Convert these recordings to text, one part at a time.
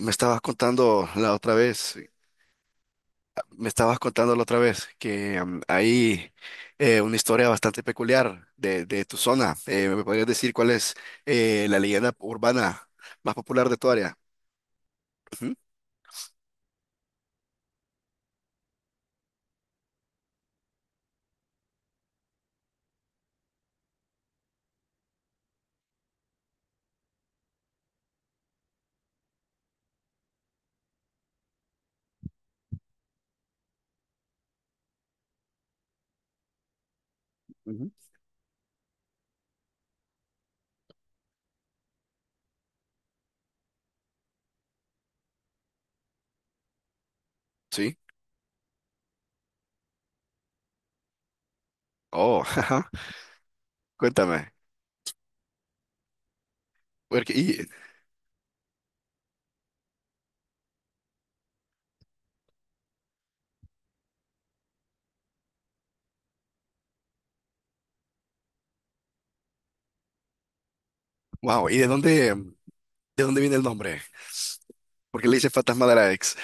Me estabas contando la otra vez, me estabas contando la otra vez que hay una historia bastante peculiar de tu zona. ¿Me podrías decir cuál es la leyenda urbana más popular de tu área? Ujú. Ujú. Sí. Oh, ajá. Cuéntame. Porque- y, wow, ¿y de dónde viene el nombre? ¿Por qué le dice fantasma de la ex?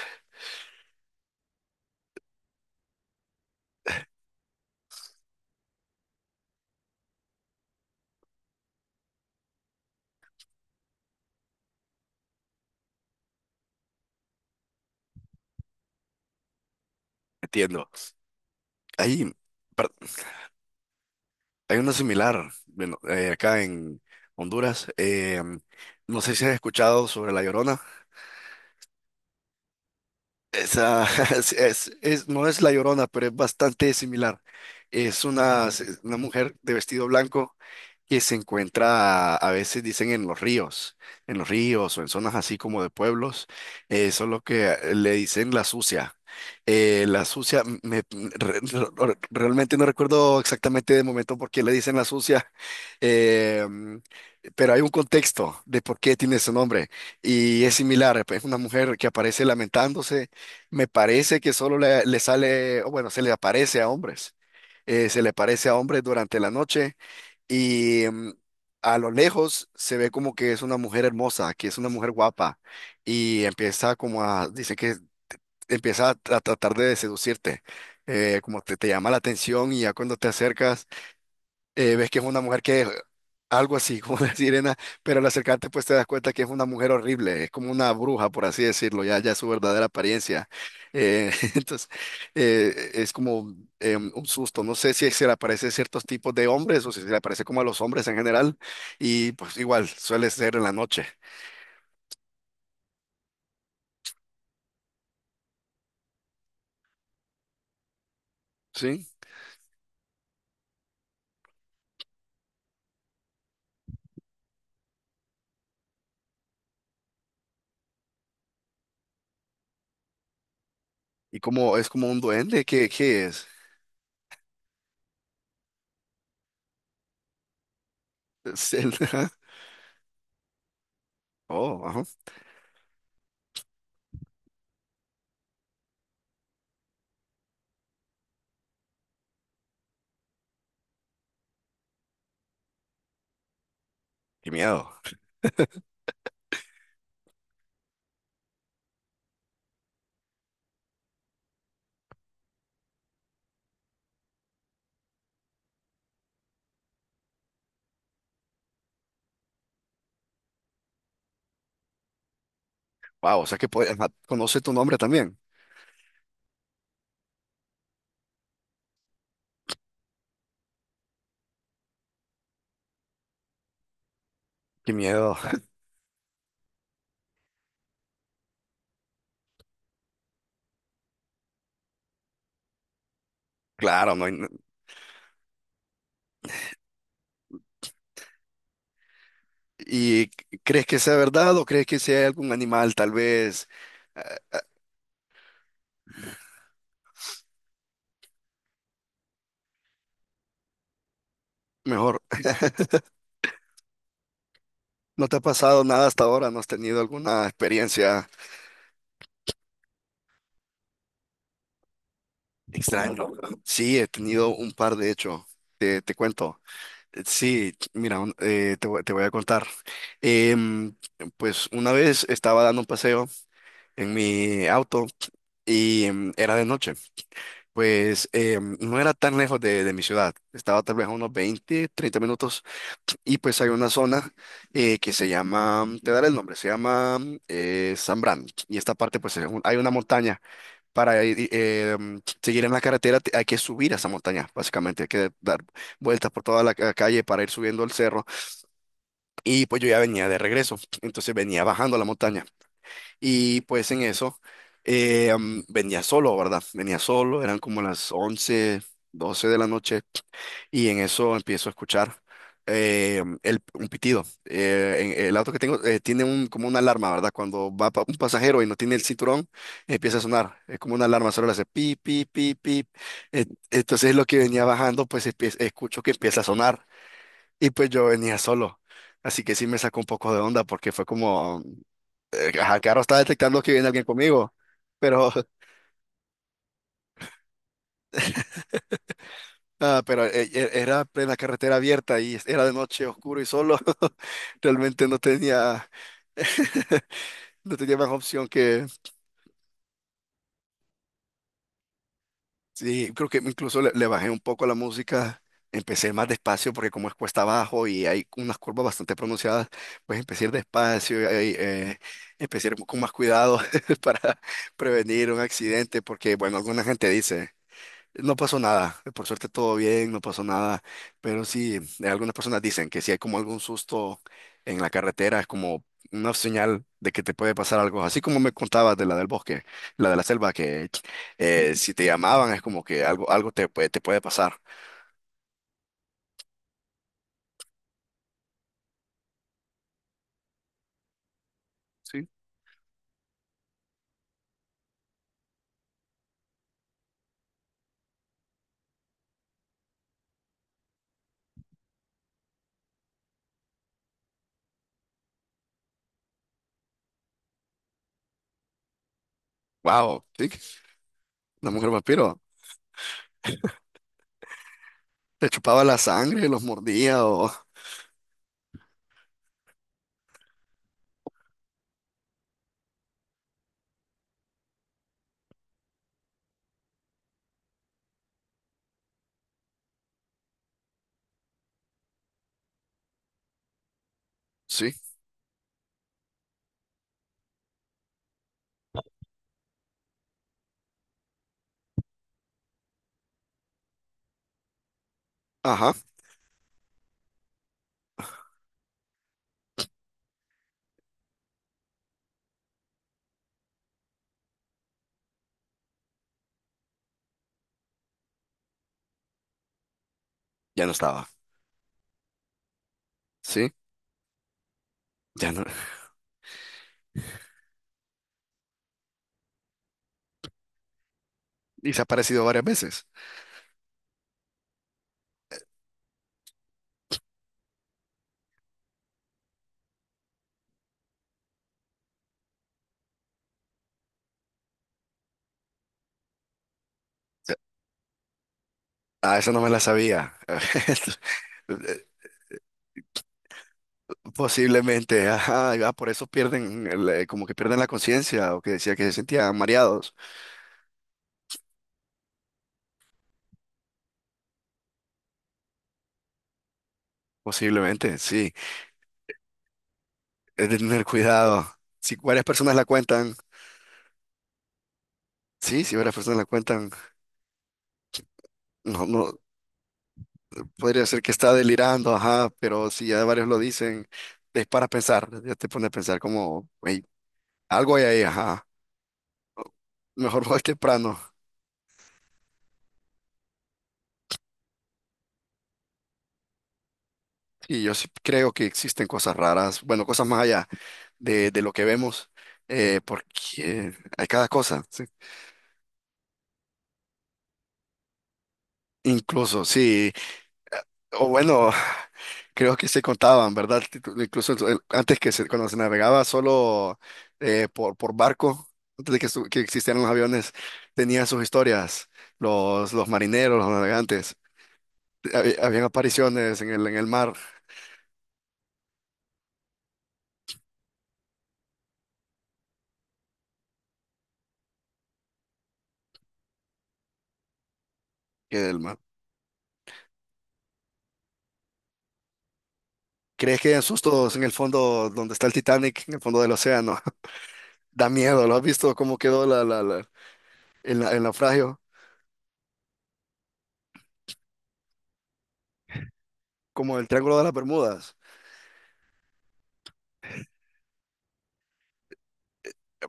Entiendo. Ahí per- Hay una similar, bueno, acá en Honduras. No sé si has escuchado sobre La Llorona. Esa, no es La Llorona, pero es bastante similar. Es una mujer de vestido blanco que se encuentra, a veces dicen, en los ríos o en zonas así como de pueblos. Eso es lo que le dicen la sucia. La sucia, realmente no recuerdo exactamente de momento por qué le dicen la sucia, eh, mm, pero hay un contexto de por qué tiene ese nombre y es similar. Es una mujer que aparece lamentándose, me parece que solo le sale, o bueno, se le aparece a hombres. Se le aparece a hombres durante la noche y a lo lejos se ve como que es una mujer hermosa, que es una mujer guapa y empieza como a, dice que empieza a, tratar de seducirte, como te llama la atención, y ya cuando te acercas ves que es una mujer que es algo así como una sirena, pero al acercarte pues te das cuenta que es una mujer horrible, es como una bruja, por así decirlo, ya es su verdadera apariencia. Entonces, es como un susto, no sé si se le aparece a ciertos tipos de hombres o si se le aparece como a los hombres en general, y pues igual suele ser en la noche, ¿sí? ¿Y como es como un duende, qué, qué es? Es el- Oh, ajá, qué miedo. Wow, o sea que puede- ajá, conoce tu nombre también. Qué miedo. Claro, no, hay- ¿Y crees que sea verdad o crees que sea algún animal? Tal vez, eh, mejor, ¿no te ha pasado nada hasta ahora? ¿No has tenido alguna experiencia extraña? Sí, he tenido un par, de hecho. Te cuento. Sí, mira, te voy a contar. Em, pues una vez estaba dando un paseo en mi auto y era de noche. Pues no era tan lejos de mi ciudad. Estaba tal vez a unos 20, 30 minutos. Y pues hay una zona que se llama, te daré el nombre, se llama Zambrano. Y esta parte, pues es un- hay una montaña. Para seguir en la carretera hay que subir a esa montaña, básicamente. Hay que dar vueltas por toda la calle para ir subiendo el cerro. Y pues yo ya venía de regreso, entonces venía bajando la montaña. Y pues en eso venía solo, ¿verdad? Venía solo, eran como las 11, 12 de la noche. Y en eso empiezo a escuchar un pitido. El auto que tengo tiene un, como una alarma, ¿verdad? Cuando va un pasajero y no tiene el cinturón, empieza a sonar. Es como una alarma, solo le hace pip, pip, pip, pip. Eh, entonces lo que venía bajando, pues escucho que empieza a sonar. Y pues yo venía solo. Así que sí me sacó un poco de onda porque fue como, ajá, claro, estaba detectando que viene alguien conmigo, pero Ah, pero era plena carretera abierta y era de noche oscuro y solo. Realmente no tenía, no tenía más opción que, sí, creo que incluso le bajé un poco a la música. Empecé más despacio porque como es cuesta abajo y hay unas curvas bastante pronunciadas, pues empecé a ir despacio, y, empecé a ir con más cuidado para prevenir un accidente porque, bueno, alguna gente dice... No pasó nada, por suerte todo bien, no pasó nada, pero sí, algunas personas dicen que si hay como algún susto en la carretera, es como una señal de que te puede pasar algo, así como me contabas de la del bosque, la de la selva, que si te llamaban es como que algo, algo te puede pasar. Sí. Wow, sí, la mujer vampiro, te chupaba la sangre, los mordía o... Sí, ajá, ya no estaba, sí, ya no. Y se ha aparecido varias veces. Ah, eso no me la sabía. Posiblemente, ajá, ah, por eso pierden, como que pierden la conciencia o que decía que se sentían mareados. Posiblemente, sí, es de tener cuidado. Si varias personas la cuentan, sí, si varias personas la cuentan, no, no, podría ser que está delirando, ajá, pero si ya varios lo dicen, es para pensar, ya te pone a pensar como, "Ey, algo hay ahí", ajá, mejor voy temprano. Y yo sí creo que existen cosas raras, bueno, cosas más allá de lo que vemos, porque hay cada cosa. Sí. Incluso, sí, o bueno, creo que se contaban, ¿verdad? Incluso en antes que se- cuando se navegaba solo por barco, antes de que, que existieran los aviones, tenían sus historias, los marineros, los navegantes, habían apariciones en el mar, que del mar. ¿Crees que hay sustos en el fondo donde está el Titanic, en el fondo del océano? Da miedo, ¿lo has visto cómo quedó la- el naufragio? Como el Triángulo de las Bermudas.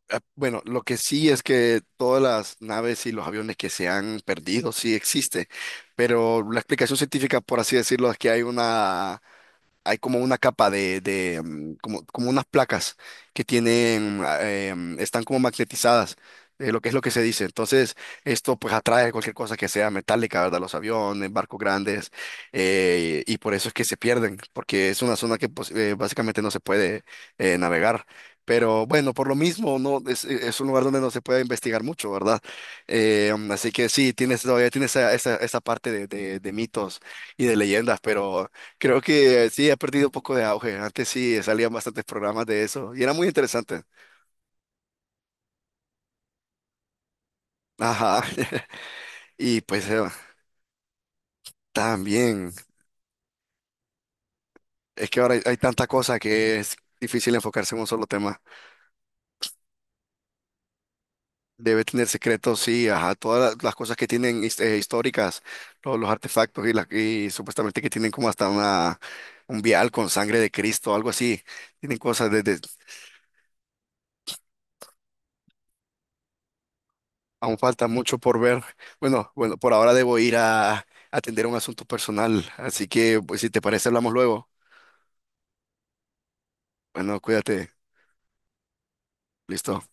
Ah, bueno, lo que sí es que todas las naves y los aviones que se han perdido sí existe, pero la explicación científica, por así decirlo, es que hay una hay como una capa de, como, como unas placas que tienen, están como magnetizadas, lo que es lo que se dice. Entonces, esto pues atrae cualquier cosa que sea metálica, ¿verdad? Los aviones, barcos grandes, y por eso es que se pierden, porque es una zona que pues, básicamente no se puede navegar. Pero bueno, por lo mismo, no es, es un lugar donde no se puede investigar mucho, ¿verdad? Así que sí, tienes todavía tienes esa parte de, de mitos y de leyendas, pero creo que sí, ha perdido un poco de auge. Antes sí salían bastantes programas de eso y era muy interesante. Ajá. Y pues también, es que ahora hay, hay tanta cosa que es difícil enfocarse en un solo tema. Debe tener secretos, sí, ajá, todas las cosas que tienen históricas, todos los artefactos y, las y supuestamente que tienen como hasta una, un vial con sangre de Cristo, algo así. Tienen cosas desde Aún falta mucho por ver. Bueno, bueno, por ahora debo ir a atender un asunto personal, así que pues si te parece hablamos luego. Bueno, cuídate. Listo.